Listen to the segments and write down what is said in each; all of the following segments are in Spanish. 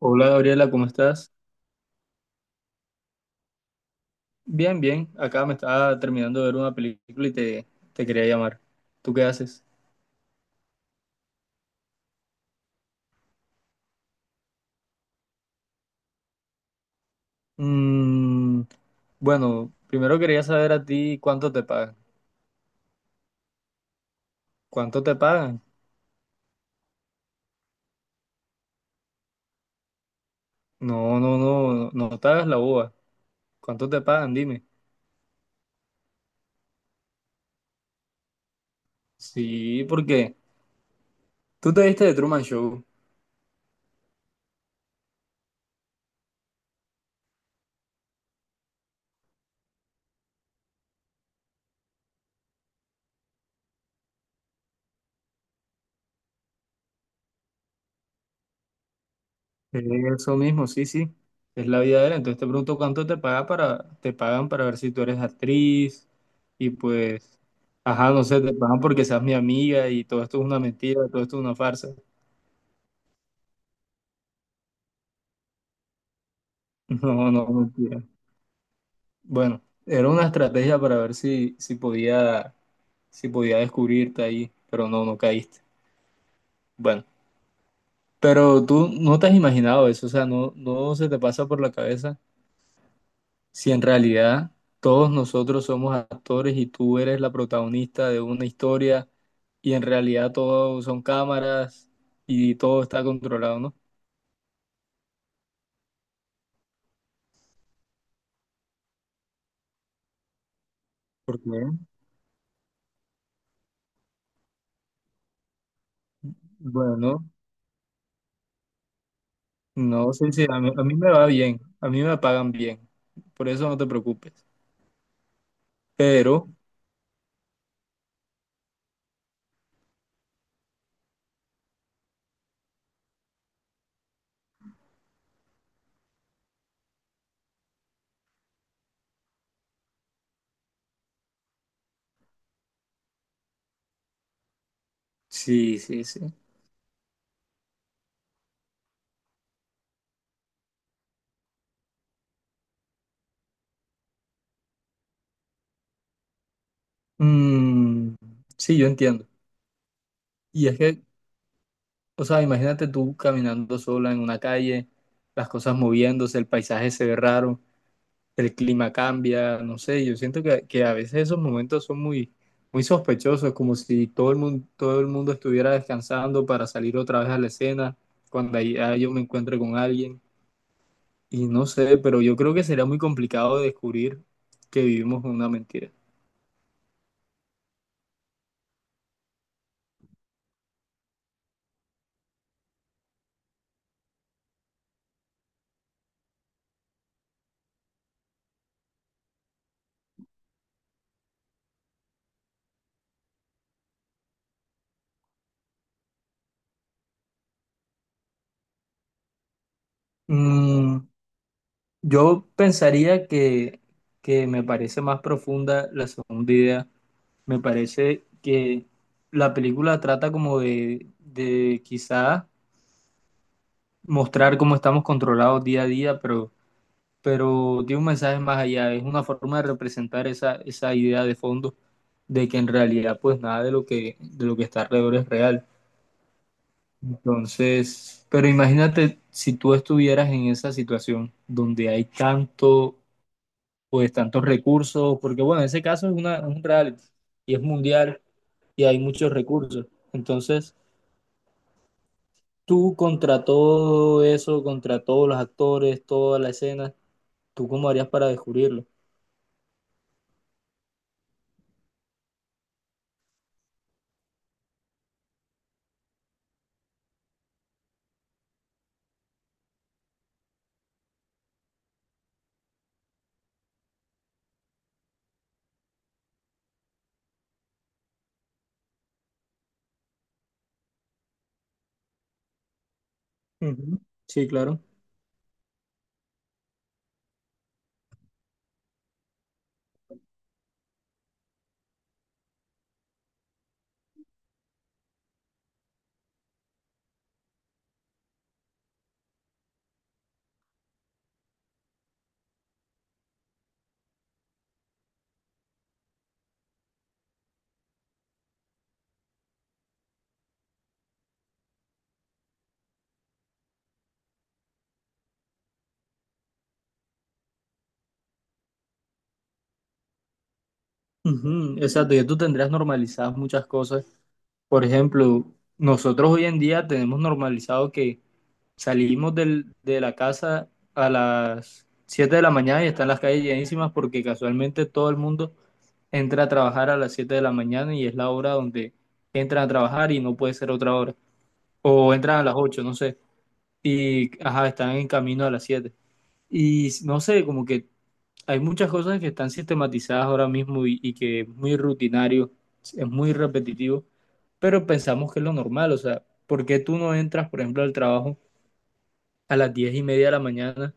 Hola Gabriela, ¿cómo estás? Bien, bien. Acá me estaba terminando de ver una película y te quería llamar. ¿Tú qué haces? Mm, bueno, primero quería saber a ti cuánto te pagan. ¿Cuánto te pagan? No, no, no, no, no te hagas la boba. ¿Cuánto te pagan? Dime. Sí, porque tú te viste de Truman Show. Eso mismo, sí, sí. Es la vida de él. Entonces te pregunto cuánto te paga para, te pagan para ver si tú eres actriz y pues, ajá, no sé, te pagan porque seas mi amiga y todo esto es una mentira, todo esto es una farsa. No, no, mentira. Bueno, era una estrategia para ver si podía, si podía descubrirte ahí, pero no, no caíste. Bueno, pero tú no te has imaginado eso, o sea, no, no se te pasa por la cabeza si en realidad todos nosotros somos actores y tú eres la protagonista de una historia y en realidad todo son cámaras y todo está controlado, ¿no? Porque, bueno, no sé si a mí me va bien, a mí me pagan bien, por eso no te preocupes. Pero, sí, sí, sí. Mm, sí, yo entiendo. Y es que, o sea, imagínate tú caminando sola en una calle, las cosas moviéndose, el paisaje se ve raro. El clima cambia, no sé, yo siento que a veces esos momentos son muy, muy sospechosos, como si todo el mundo estuviera descansando para salir otra vez a la escena, yo me encuentre con alguien, y no sé, pero yo creo que sería muy complicado descubrir que vivimos una mentira. Mm, yo pensaría que me parece más profunda la segunda idea, me parece que la película trata como de quizás mostrar cómo estamos controlados día a día, pero tiene un mensaje más allá, es una forma de representar esa, esa idea de fondo de que en realidad pues nada de lo de lo que está alrededor es real. Entonces, pero imagínate si tú estuvieras en esa situación donde hay tanto, pues tantos recursos, porque bueno, en ese caso es es un reality y es mundial y hay muchos recursos. Entonces, tú contra todo eso, contra todos los actores, toda la escena, ¿tú cómo harías para descubrirlo? Ujú, sí, claro. Ujú, exacto, ya tú tendrías normalizadas muchas cosas. Por ejemplo, nosotros hoy en día tenemos normalizado que de la casa a las 7 de la mañana y están las calles llenísimas porque casualmente todo el mundo entra a trabajar a las 7 de la mañana y es la hora donde entran a trabajar y no puede ser otra hora. O entran a las 8, no sé. Y, ajá, están en camino a las 7. Y no sé, como que hay muchas cosas que están sistematizadas ahora mismo y que es muy rutinario, es muy repetitivo, pero pensamos que es lo normal. O sea, ¿por qué tú no entras, por ejemplo, al trabajo a las 10:30 de la mañana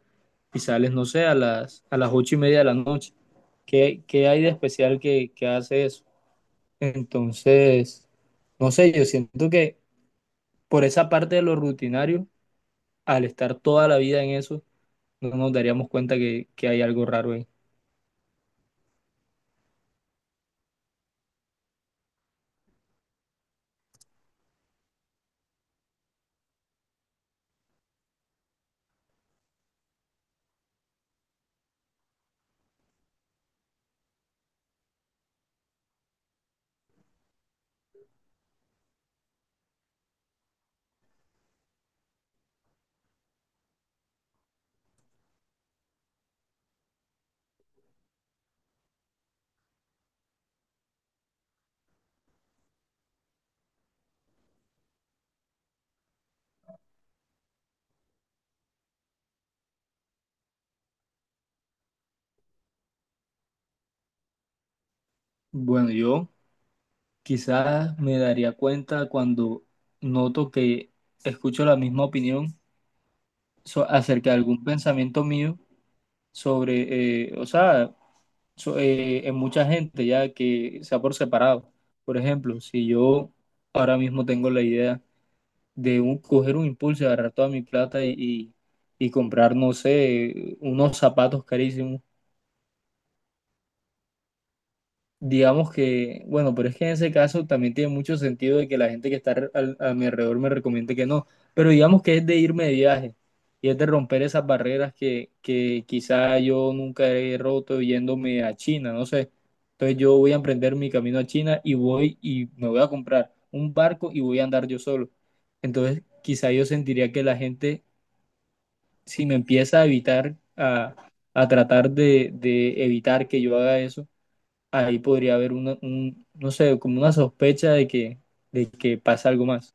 y sales, no sé, a las 8:30 de la noche? ¿Qué, qué hay de especial que hace eso? Entonces, no sé, yo siento que por esa parte de lo rutinario, al estar toda la vida en eso, no nos daríamos cuenta que hay algo raro ahí. Bueno, yo. Quizás me daría cuenta cuando noto que escucho la misma opinión so- acerca de algún pensamiento mío sobre, o sea, so- en mucha gente ya que sea por separado. Por ejemplo, si yo ahora mismo tengo la idea de coger un impulso, agarrar toda mi plata y comprar, no sé, unos zapatos carísimos. Digamos que, bueno, pero es que en ese caso también tiene mucho sentido de que la gente que está a mi alrededor me recomiende que no, pero digamos que es de irme de viaje y es de romper esas barreras que quizá yo nunca he roto yéndome a China, no sé. Entonces yo voy a emprender mi camino a China y voy y me voy a comprar un barco y voy a andar yo solo. Entonces quizá yo sentiría que la gente, si me empieza a evitar, a tratar de evitar que yo haga eso, ahí podría haber un, no sé, como una sospecha de de que pasa algo más.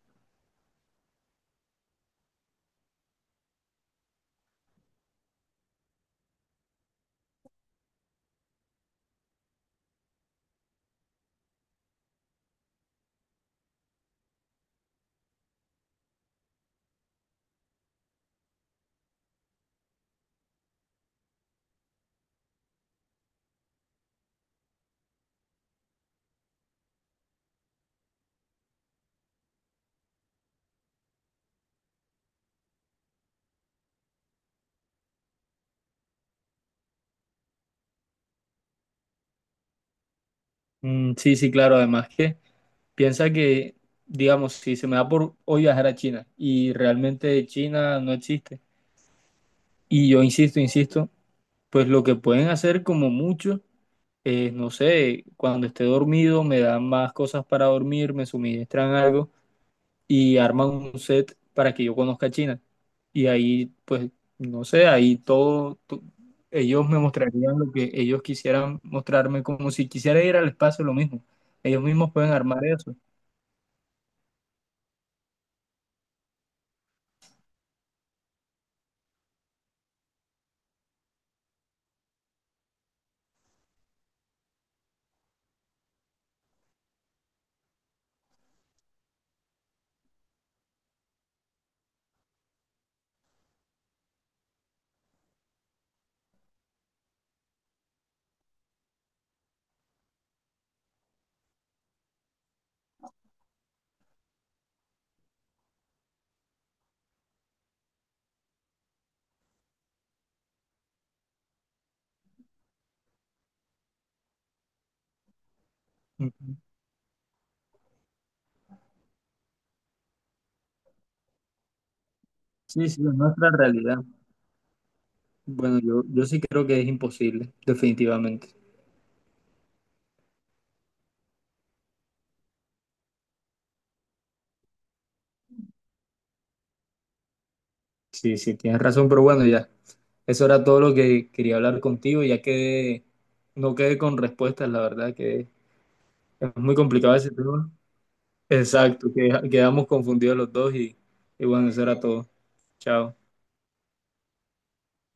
Sí, sí, claro, además que piensa que, digamos, si se me da por hoy viajar a China y realmente China no existe, y yo insisto, insisto, pues lo que pueden hacer como mucho es, no sé, cuando esté dormido me dan más cosas para dormir, me suministran algo y arman un set para que yo conozca a China. Y ahí, pues, no sé, ahí ellos me mostrarían lo que ellos quisieran mostrarme, como si quisiera ir al espacio, lo mismo. Ellos mismos pueden armar eso. Ujú. Sí, sí, es nuestra realidad. Bueno, yo sí creo que es imposible, definitivamente. Sí, sí, tienes razón, pero bueno, ya. Eso era todo lo que quería hablar contigo, ya que no quedé con respuestas, la verdad que es muy complicado ese tema. Exacto, que- quedamos confundidos los dos y bueno, eso era todo. Chao.